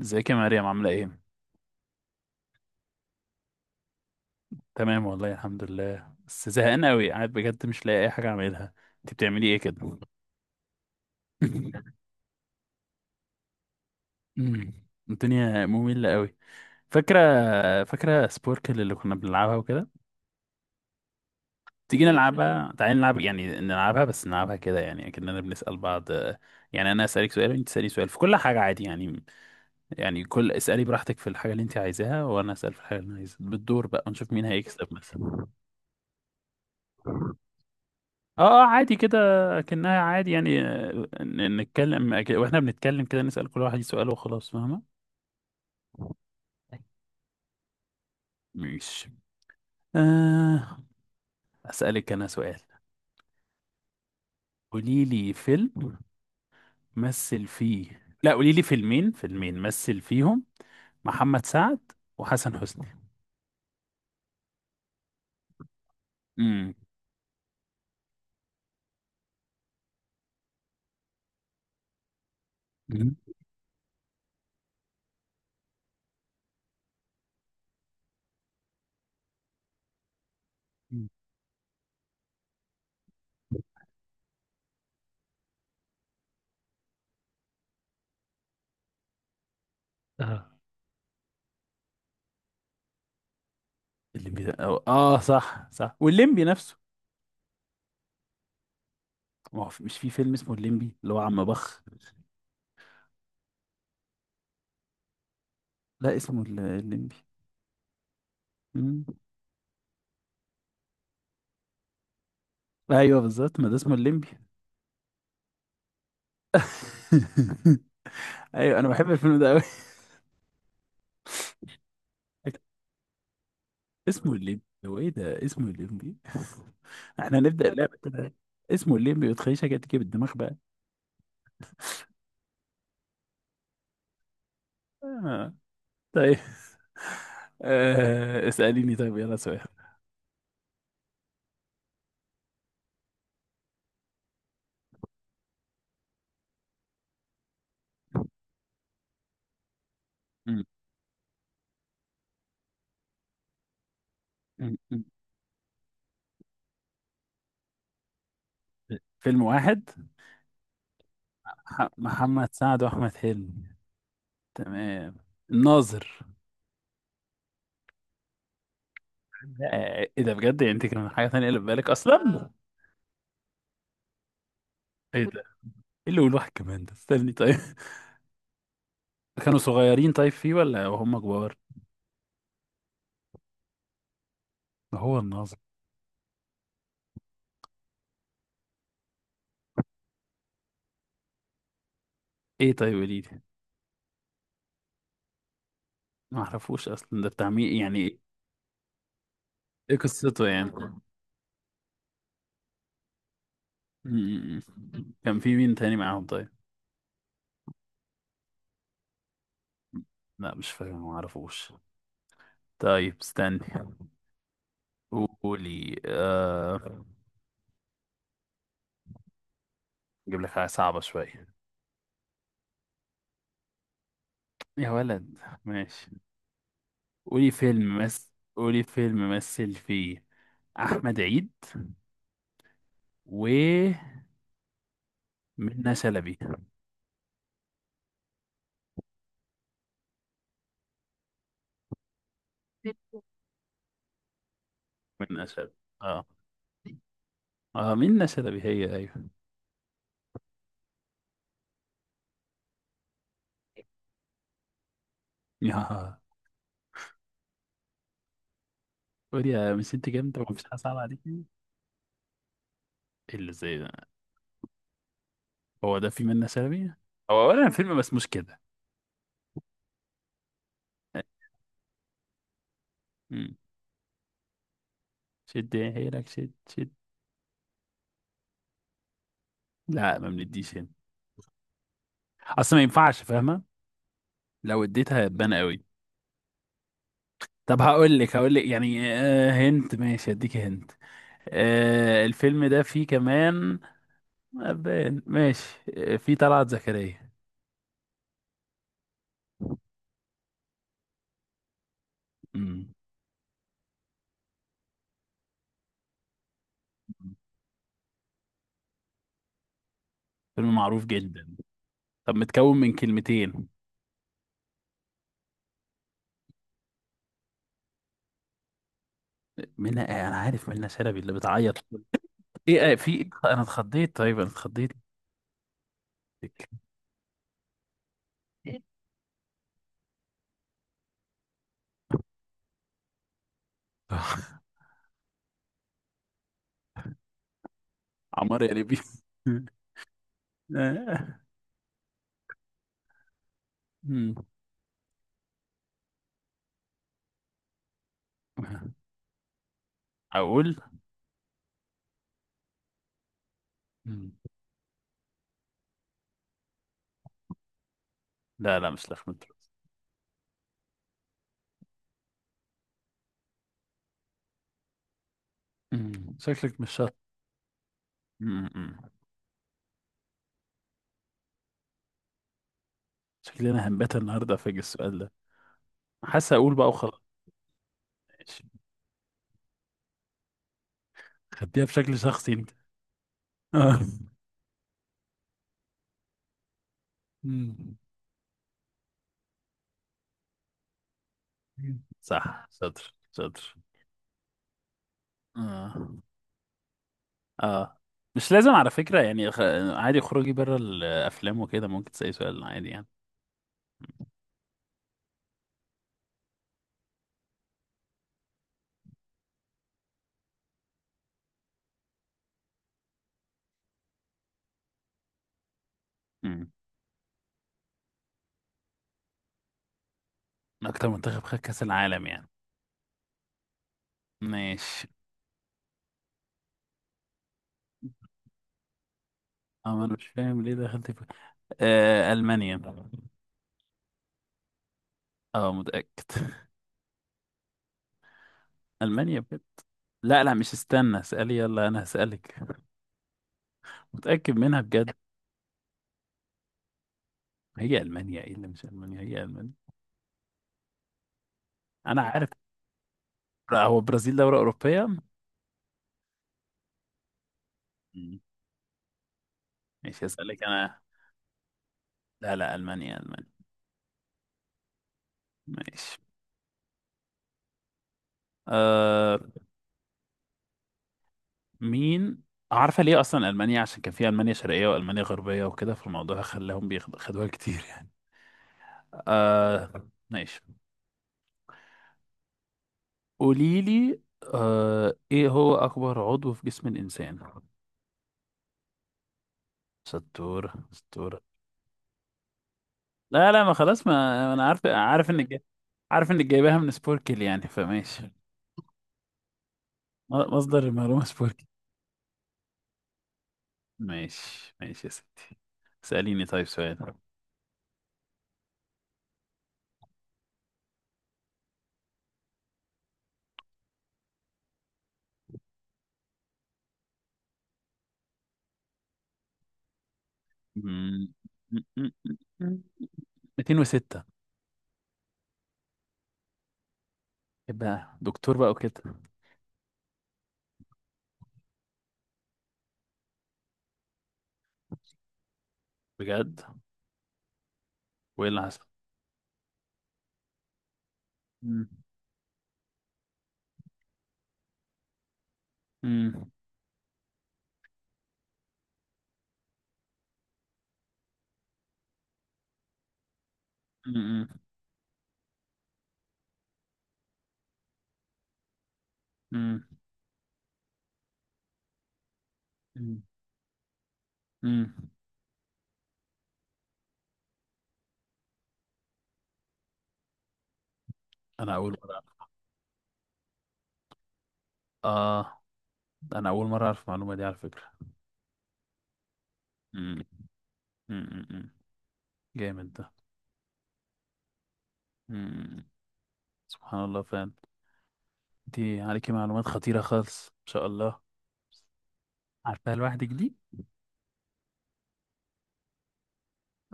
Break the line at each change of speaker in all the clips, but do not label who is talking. ازيك يا مريم، عاملة ايه؟ تمام والله الحمد لله، بس زهقان قوي قاعد بجد مش لاقي اي حاجة اعملها. انت بتعملي ايه كده؟ أمم، الدنيا مملة قوي. فاكرة فاكرة سبوركل اللي كنا بنلعبها وكده؟ تيجي نلعبها، تعالي نلعب، يعني نلعبها بس نلعبها كده، يعني كأننا بنسأل بعض. يعني انا اسألك سؤال وانت تسألي سؤال في كل حاجة، عادي يعني. يعني كل اسألي براحتك في الحاجة اللي انت عايزاها وانا اسأل في الحاجة اللي انا عايزها بالدور بقى، ونشوف مين هيكسب مثلا. اه عادي كده. كأنها عادي يعني، نتكلم، واحنا بنتكلم كده، نسأل كل واحد سؤال وخلاص، فاهمة. ماشي. آه. أسألك أنا سؤال. قولي لي فيلم مثل فيه، لا، قولي لي فيلمين مثل فيهم محمد سعد وحسن حسني. امم. مم. اه، الليمبي ده أو اه صح صح، والليمبي نفسه. ما هو مش في فيلم اسمه الليمبي اللي هو عم بخ؟ لا اسمه الليمبي. مم. ايوه بالظبط، ما ده اسمه الليمبي. ايوه انا بحب الفيلم ده قوي. اسمه الليمبي، هو ايه ده، اسمه الليمبي. احنا هنبدأ اللعبة كده. اسمه الليمبي وتخيشها كده، تيجي بالدماغ بقى. آه. طيب. آه. اسأليني طيب، يلا سؤال. م- م- م. فيلم واحد. محمد سعد واحمد حلمي. تمام. الناظر. آه. ايه ده بجد، يعني انت كان حاجة تانية اللي في بالك اصلا؟ ايه ده، ايه اللي يقول واحد كمان ده، استني طيب. كانوا صغيرين، طيب فيه ولا وهم كبار؟ هو الناظر. ايه، طيب وليد. ما اعرفوش اصلا، ده بتاع مين؟ يعني ايه إيه قصته يعني؟ م- م- م. كان في مين تاني معاهم طيب؟ لا مش فاكر، ما اعرفوش. طيب استني، قولي اجيب لك حاجه صعبه شويه. يا ولد. ماشي. قولي فيلم مثل فيه احمد عيد ومنى شلبي. منى شلبي، اه. اه منى شلبي هي، ايوه. يا، قولي يا، مش انت جامده، مفيش حاجه صعبه عليكي؟ إيه اللي زي ده؟ هو ده في منا سلبي. هو اولا الفيلم مسموش كده. مم. شد حيلك، شد. لا ما بنديش هنا، اصل ما ينفعش، فاهمه. لو اديتها هتبان قوي. طب هقول لك، يعني آه، هنت، ماشي اديك هنت. آه، الفيلم ده فيه كمان أبان، ماشي. آه، فيه طلعت زكريا. مم. فيلم معروف جدا. طب متكون من كلمتين. منى، آه، انا عارف منى شلبي اللي بتعيط. ايه، آه، في إيه؟ انا اتخضيت، طيب انا اتخضيت. عمار يا ليبي. آه. مم. اقول. مم. لا لا، مش لخمت. مم. شكلك مش شاطر. مم. مم. شكلي انا هنبات النهارده فاجئ السؤال ده. حاسس اقول بقى وخلاص. ماشي. خديها بشكل شخصي انت. آه. مم. صح، شاطر شاطر. اه. اه مش لازم على فكرة، يعني عادي، خروجي بره الافلام وكده، ممكن تسألي سؤال عادي يعني. مم. اكتر منتخب خد كأس العالم يعني. ماشي. ما انا مش فاهم ليه دخلت. آه، ألمانيا. اه متأكد. ألمانيا بجد. لا لا مش، استنى اسألي، يلا أنا هسألك. متأكد منها بجد. هي ألمانيا، ايه اللي مش ألمانيا، هي ألمانيا. أنا عارف. لا، هو برازيل دولة أوروبية؟ مم. ماشي هسألك أنا. لا لا، ألمانيا ألمانيا. ماشي. آه. مين. عارفة ليه أصلا ألمانيا؟ عشان كان في ألمانيا شرقية وألمانيا غربية وكده، فالموضوع خلاهم بياخدوها كتير يعني. آه ماشي. قوليلي. آه، إيه هو أكبر عضو في جسم الإنسان؟ ستورة ستورة. لا لا ما خلاص، ما انا عارف، عارف انك جايباها من سبوركل يعني، فماشي. مصدر المعلومة سبوركل. ماشي ماشي يا ستي. سأليني طيب سؤال. مم. 206. يبقى دكتور بقى وكده. بجد، وايه اللي حصل؟ مم. مم. مم. مم. مم. مم. انا اول مرة أعرف. اه. انا اول مرة اعرف المعلومة دي على فكرة. مم. مم. مم. جامد ده. مم. سبحان الله فعلا. انت عليكي معلومات خطيرة خالص، ما شاء الله. عارفاها لوحدك دي؟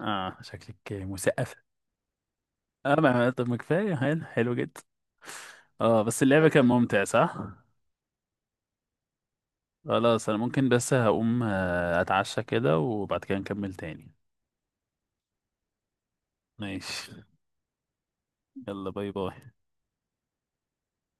اه شكلك مثقفة. اه، ما طب ما كفاية، حلو حلو جدا. اه بس اللعبة كان ممتع، صح؟ خلاص انا ممكن بس هقوم، اتعشى كده، وبعد كده نكمل تاني. ماشي. يلا باي باي.